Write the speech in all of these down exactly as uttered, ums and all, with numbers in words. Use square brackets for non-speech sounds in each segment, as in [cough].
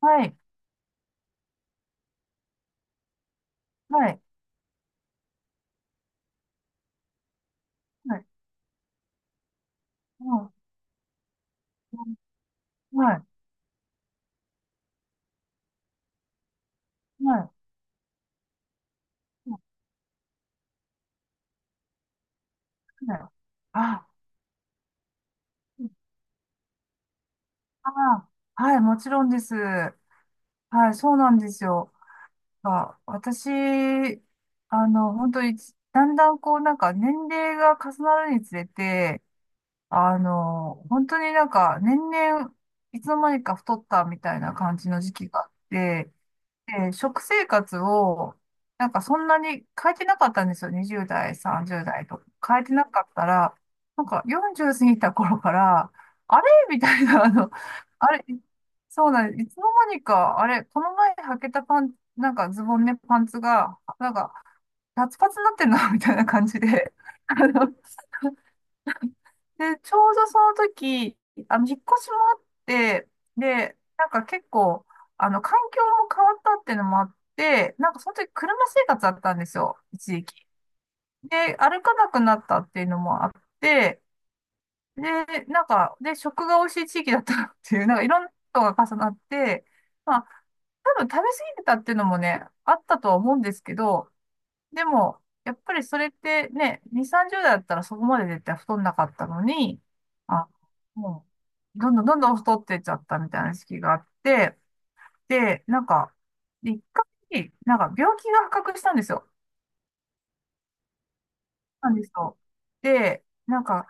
はい、はい、はい、うんうん、はい、はい、はいはい、あ、あ、はい、もちろんです。はい、そうなんですよ。あ、私、あの、本当に、だんだんこう、なんか年齢が重なるにつれて、あの、本当になんか年々、いつの間にか太ったみたいな感じの時期があって、で、食生活を、なんかそんなに変えてなかったんですよ。にじゅう代、さんじゅう代と。変えてなかったら、なんかよんじゅう過ぎた頃から、あれみたいな、あの、あれ、そうなんです。いつの間にか、あれ、この前履けたパン、なんかズボンね、パンツが、なんか、パツパツになってんな、みたいな感じで、[laughs] あので、ちょうどその時、あの、引っ越しもあって、で、なんか結構、あの、環境も変わったっていうのもあって、なんかその時車生活だったんですよ、一時期。で、歩かなくなったっていうのもあって、で、なんか、で、食が美味しい地域だったっていう、なんかいろんなことが重なって、まあ、多分食べ過ぎてたっていうのもね、あったとは思うんですけど、でも、やっぱりそれってね、に、さんじゅう代だったらそこまで絶対太んなかったのに、あ、もう、どんどんどんどん太ってっちゃったみたいな時期があって、で、なんか、一回、なんか病気が発覚したんですよ。なんですよ。で、なんか、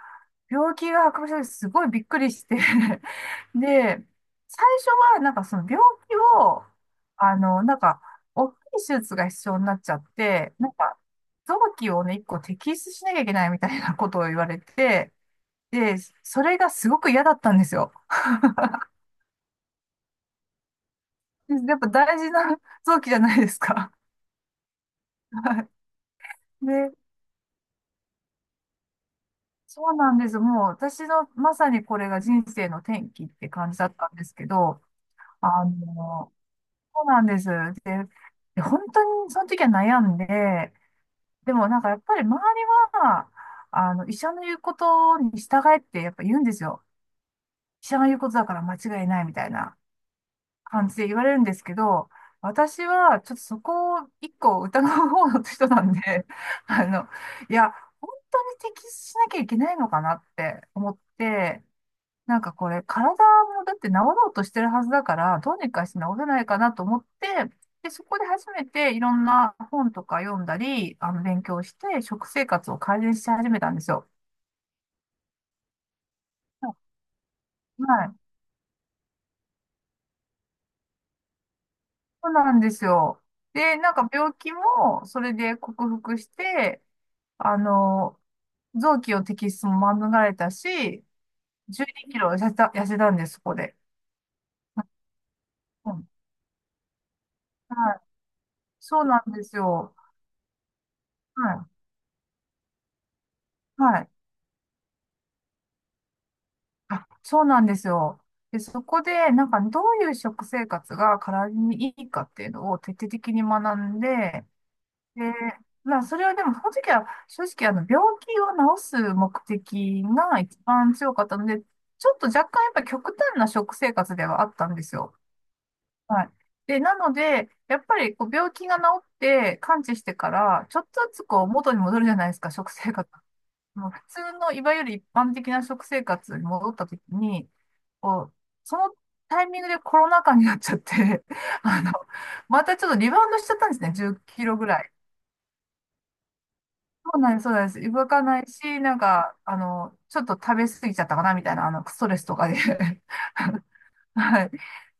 病気が発覚した時すごいびっくりして [laughs] で、最初はなんかその病気を、あの、なんか、大きい手術が必要になっちゃって、なんか、臓器をね、一個摘出しなきゃいけないみたいな [laughs] ことを言われて、で、それがすごく嫌だったんですよ。でやっぱ大事な [laughs] 臓器じゃないですか。[laughs] はい、で、そうなんです。もう私のまさにこれが人生の転機って感じだったんですけど、あの、そうなんです。で、で本当にその時は悩んで、でもなんかやっぱり周りは、あの、医者の言うことに従えってやっぱ言うんですよ。医者が言うことだから間違いないみたいな感じで言われるんですけど、私はちょっとそこを一個疑う方の人なんで、[laughs] あの、いや、本当に適切しなきゃいけないのかなって思って、なんかこれ、体もだって治ろうとしてるはずだから、どうにかして治せないかなと思って、で、そこで初めていろんな本とか読んだり、あの、勉強して、食生活を改善し始めたんですよ。はい。そうなんですよ。で、なんか病気もそれで克服して、あの、臓器の摘出も免れたし、じゅうにキロ痩せた、痩せたんです、そこで。うん、はい。そうなんですよ。はい。はい、あ、そうなんですよ。で、そこで、なんか、どういう食生活が体にいいかっていうのを徹底的に学んで、で、まあ、それはでも、その時は、正直、あの、病気を治す目的が一番強かったので、ちょっと若干、やっぱ極端な食生活ではあったんですよ。はい。で、なので、やっぱり、こう、病気が治って、完治してから、ちょっとずつ、こう、元に戻るじゃないですか、食生活。もう普通の、いわゆる一般的な食生活に戻った時に、こう、そのタイミングでコロナ禍になっちゃって、[laughs] あの、またちょっとリバウンドしちゃったんですね、じっキロぐらい。そうなんです、そうなんです。動かないし、なんか、あの、ちょっと食べ過ぎちゃったかな、みたいな、あの、ストレスとかで。[laughs] はい。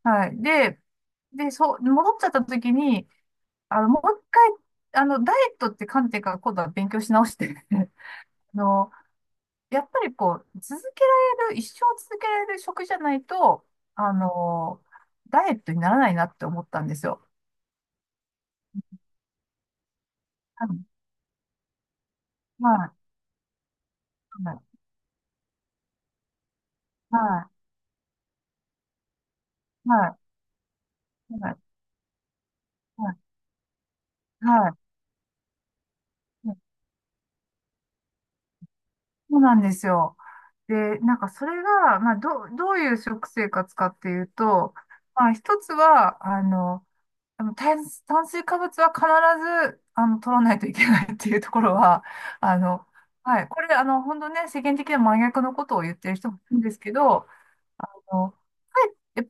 はい。で、で、そう、戻っちゃった時に、あの、もう一回、あの、ダイエットって観点から今度は勉強し直して、[laughs] あの、やっぱりこう、続けられる、一生続けられる食じゃないと、あの、ダイエットにならないなって思ったんですよ。はい、はい、はい、はい、はい、はい、はい、そうなんですよ。で、なんかそれが、まあ、どう、どういう食生活かっていうと、まあ、一つは、あの、あの炭、炭水化物は必ず、あの、取らないといけないっていうところは、あの、はい。これ、あの、本当ね、世間的な真逆のことを言ってる人もいるんですけど、の、はい、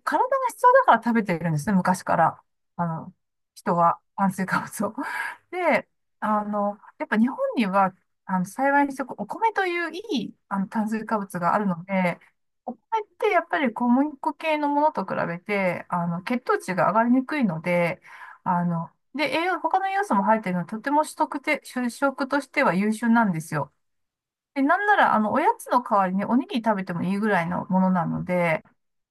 体が必要だから食べてるんですね、昔から。あの、人は炭水化物を。[laughs] で、あの、やっぱ日本には、あの、幸いにしてこうお米といういい、あの、炭水化物があるので、お米ってやっぱり小麦粉系のものと比べて、あの、血糖値が上がりにくいので、あの、で、栄養、他の栄養素も入っているので、とても主食て、主食としては優秀なんですよ。で、なんなら、あの、おやつの代わりにおにぎり食べてもいいぐらいのものなので、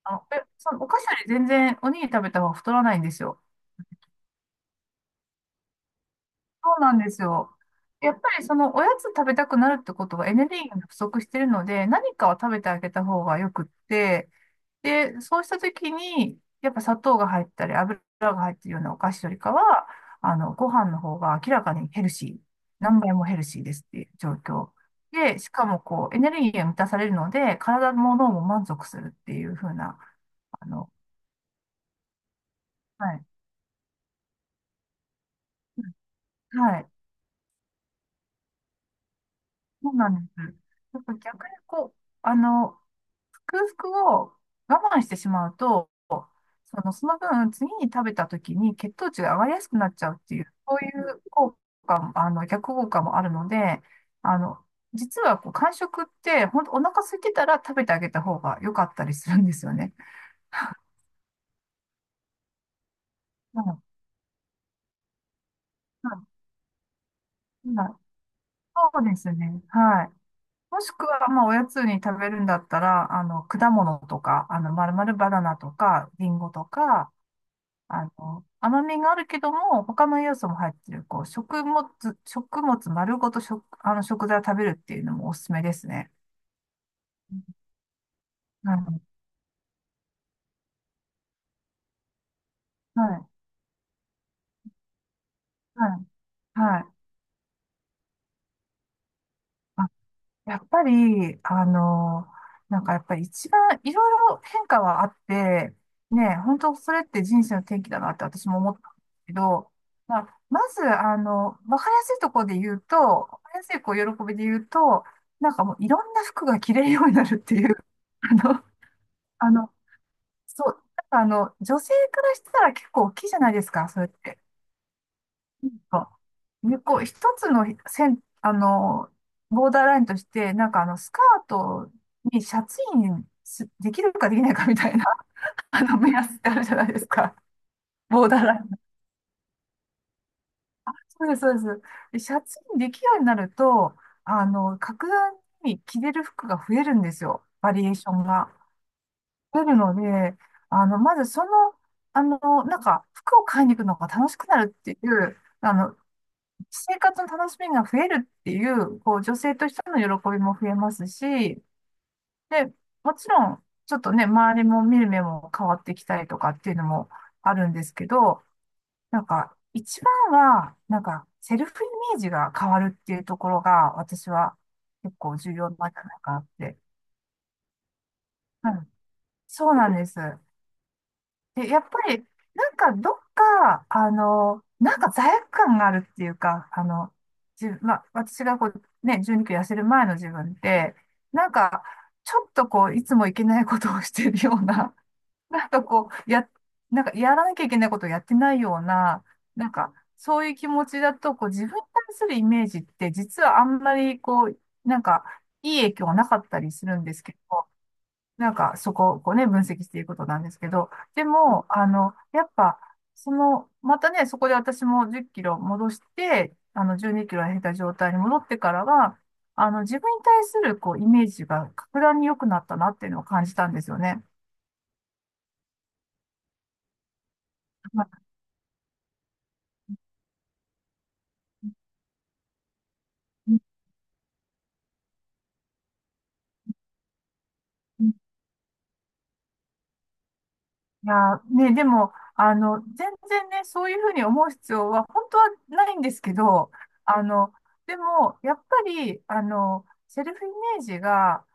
あ、え、そのお菓子より全然おにぎり食べた方が太らないんですよ。そうなんですよ。やっぱりそのおやつ食べたくなるってことはエネルギーが不足してるので、何かを食べてあげた方がよくって、で、そうした時に、やっぱ砂糖が入ったり油が入ってるようなお菓子よりかは、あの、ご飯の方が明らかにヘルシー、何倍もヘルシーですっていう状況。で、しかもこう、エネルギーが満たされるので、体も脳も満足するっていう風な、あの、はい。はい。そうなんです。やっぱ逆にこう、あの、空腹を我慢してしまうと、その、その分、次に食べた時に血糖値が上がりやすくなっちゃうっていう、そういう効果も、あの、逆効果もあるので、あの、実はこう、間食って、本当お腹空いてたら食べてあげた方が良かったりするんですよね。うんうん、そうですね。はい。もしくは、まあ、おやつに食べるんだったら、あの、果物とか、あの、まるまるバナナとか、リンゴとか、あの、甘みがあるけども、他の要素も入ってる、こう、食物、食物丸ごと食、あの、食材を食べるっていうのもおすすめですね。うん、はい、はい、はい、はい。あ、やっぱり、あの、なんかやっぱり一番いろいろ変化はあって、ね、本当それって人生の転機だなって私も思ったんですけど、まあ、まず、あの、わかりやすいところで言うと、わかりやすいこう喜びで言うと、なんかもういろんな服が着れるようになるっていう、あの、あの、そう、なんかあの、女性からしたら結構大きいじゃないですか、それって。うん、で、こう、一つの線、あの、ボーダーラインとして、なんかあの、スカートにシャツインすできるかできないかみたいな、[laughs] あの、目安ってあるじゃないですか。ボーダーライン。そうです、そうです。で、シャツインできるようになると、あの、格段に着れる服が増えるんですよ。バリエーションが出るので、あの、まずその、あの、なんか、服を買いに行くのが楽しくなるっていう、あの、生活の楽しみが増えるっていう、こう、女性としての喜びも増えますし、で、もちろん、ちょっとね、周りも見る目も変わってきたりとかっていうのもあるんですけど、なんか、一番は、なんか、セルフイメージが変わるっていうところが、私は結構重要なんじゃないかなって。うん、そうなんです。で、やっぱり、なんかどっか、あの、なんか罪悪感があるっていうか、あの、自まあ、私がこう、ね、じゅうにキロ痩せる前の自分って、なんか、ちょっとこう、いつもいけないことをしてるような、[laughs] なんかこう、や、なんかやらなきゃいけないことをやってないような、なんか、そういう気持ちだと、こう、自分に対するイメージって、実はあんまり、こう、なんか、いい影響はなかったりするんですけど、なんかそこをこうね、分析していくことなんですけど、でも、あの、やっぱ、その、またね、そこで私もじゅっキロ戻して、あの、じゅうにキロ減った状態に戻ってからは、あの、自分に対するこう、イメージが格段に良くなったなっていうのを感じたんですよね。まあうんいやね、でも、あの、全然ね、そういうふうに思う必要は本当はないんですけど、あの、でも、やっぱり、あの、セルフイメージが、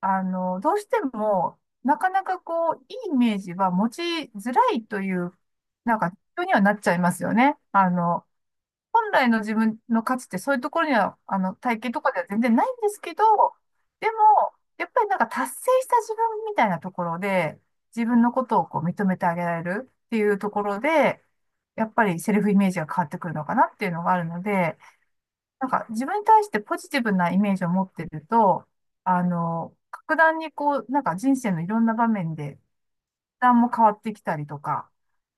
あの、どうしても、なかなかこう、いいイメージは持ちづらいという、なんか、人にはなっちゃいますよね。あの、本来の自分の価値ってそういうところには、あの、体型とかでは全然ないんですけど、でも、やっぱりなんか達成した自分みたいなところで、自分のことをこう認めてあげられるっていうところで、やっぱりセルフイメージが変わってくるのかなっていうのがあるので、なんか自分に対してポジティブなイメージを持ってると、あの、格段にこう、なんか人生のいろんな場面で、負担も変わってきたりとか、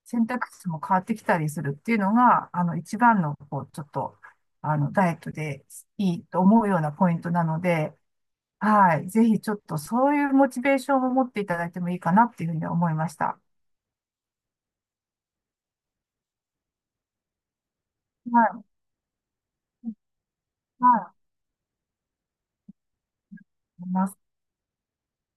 選択肢も変わってきたりするっていうのが、あの、一番の、こう、ちょっと、あの、ダイエットでいいと思うようなポイントなので、はい。ぜひちょっとそういうモチベーションを持っていただいてもいいかなっていうふうに思いました。はい。はい。思います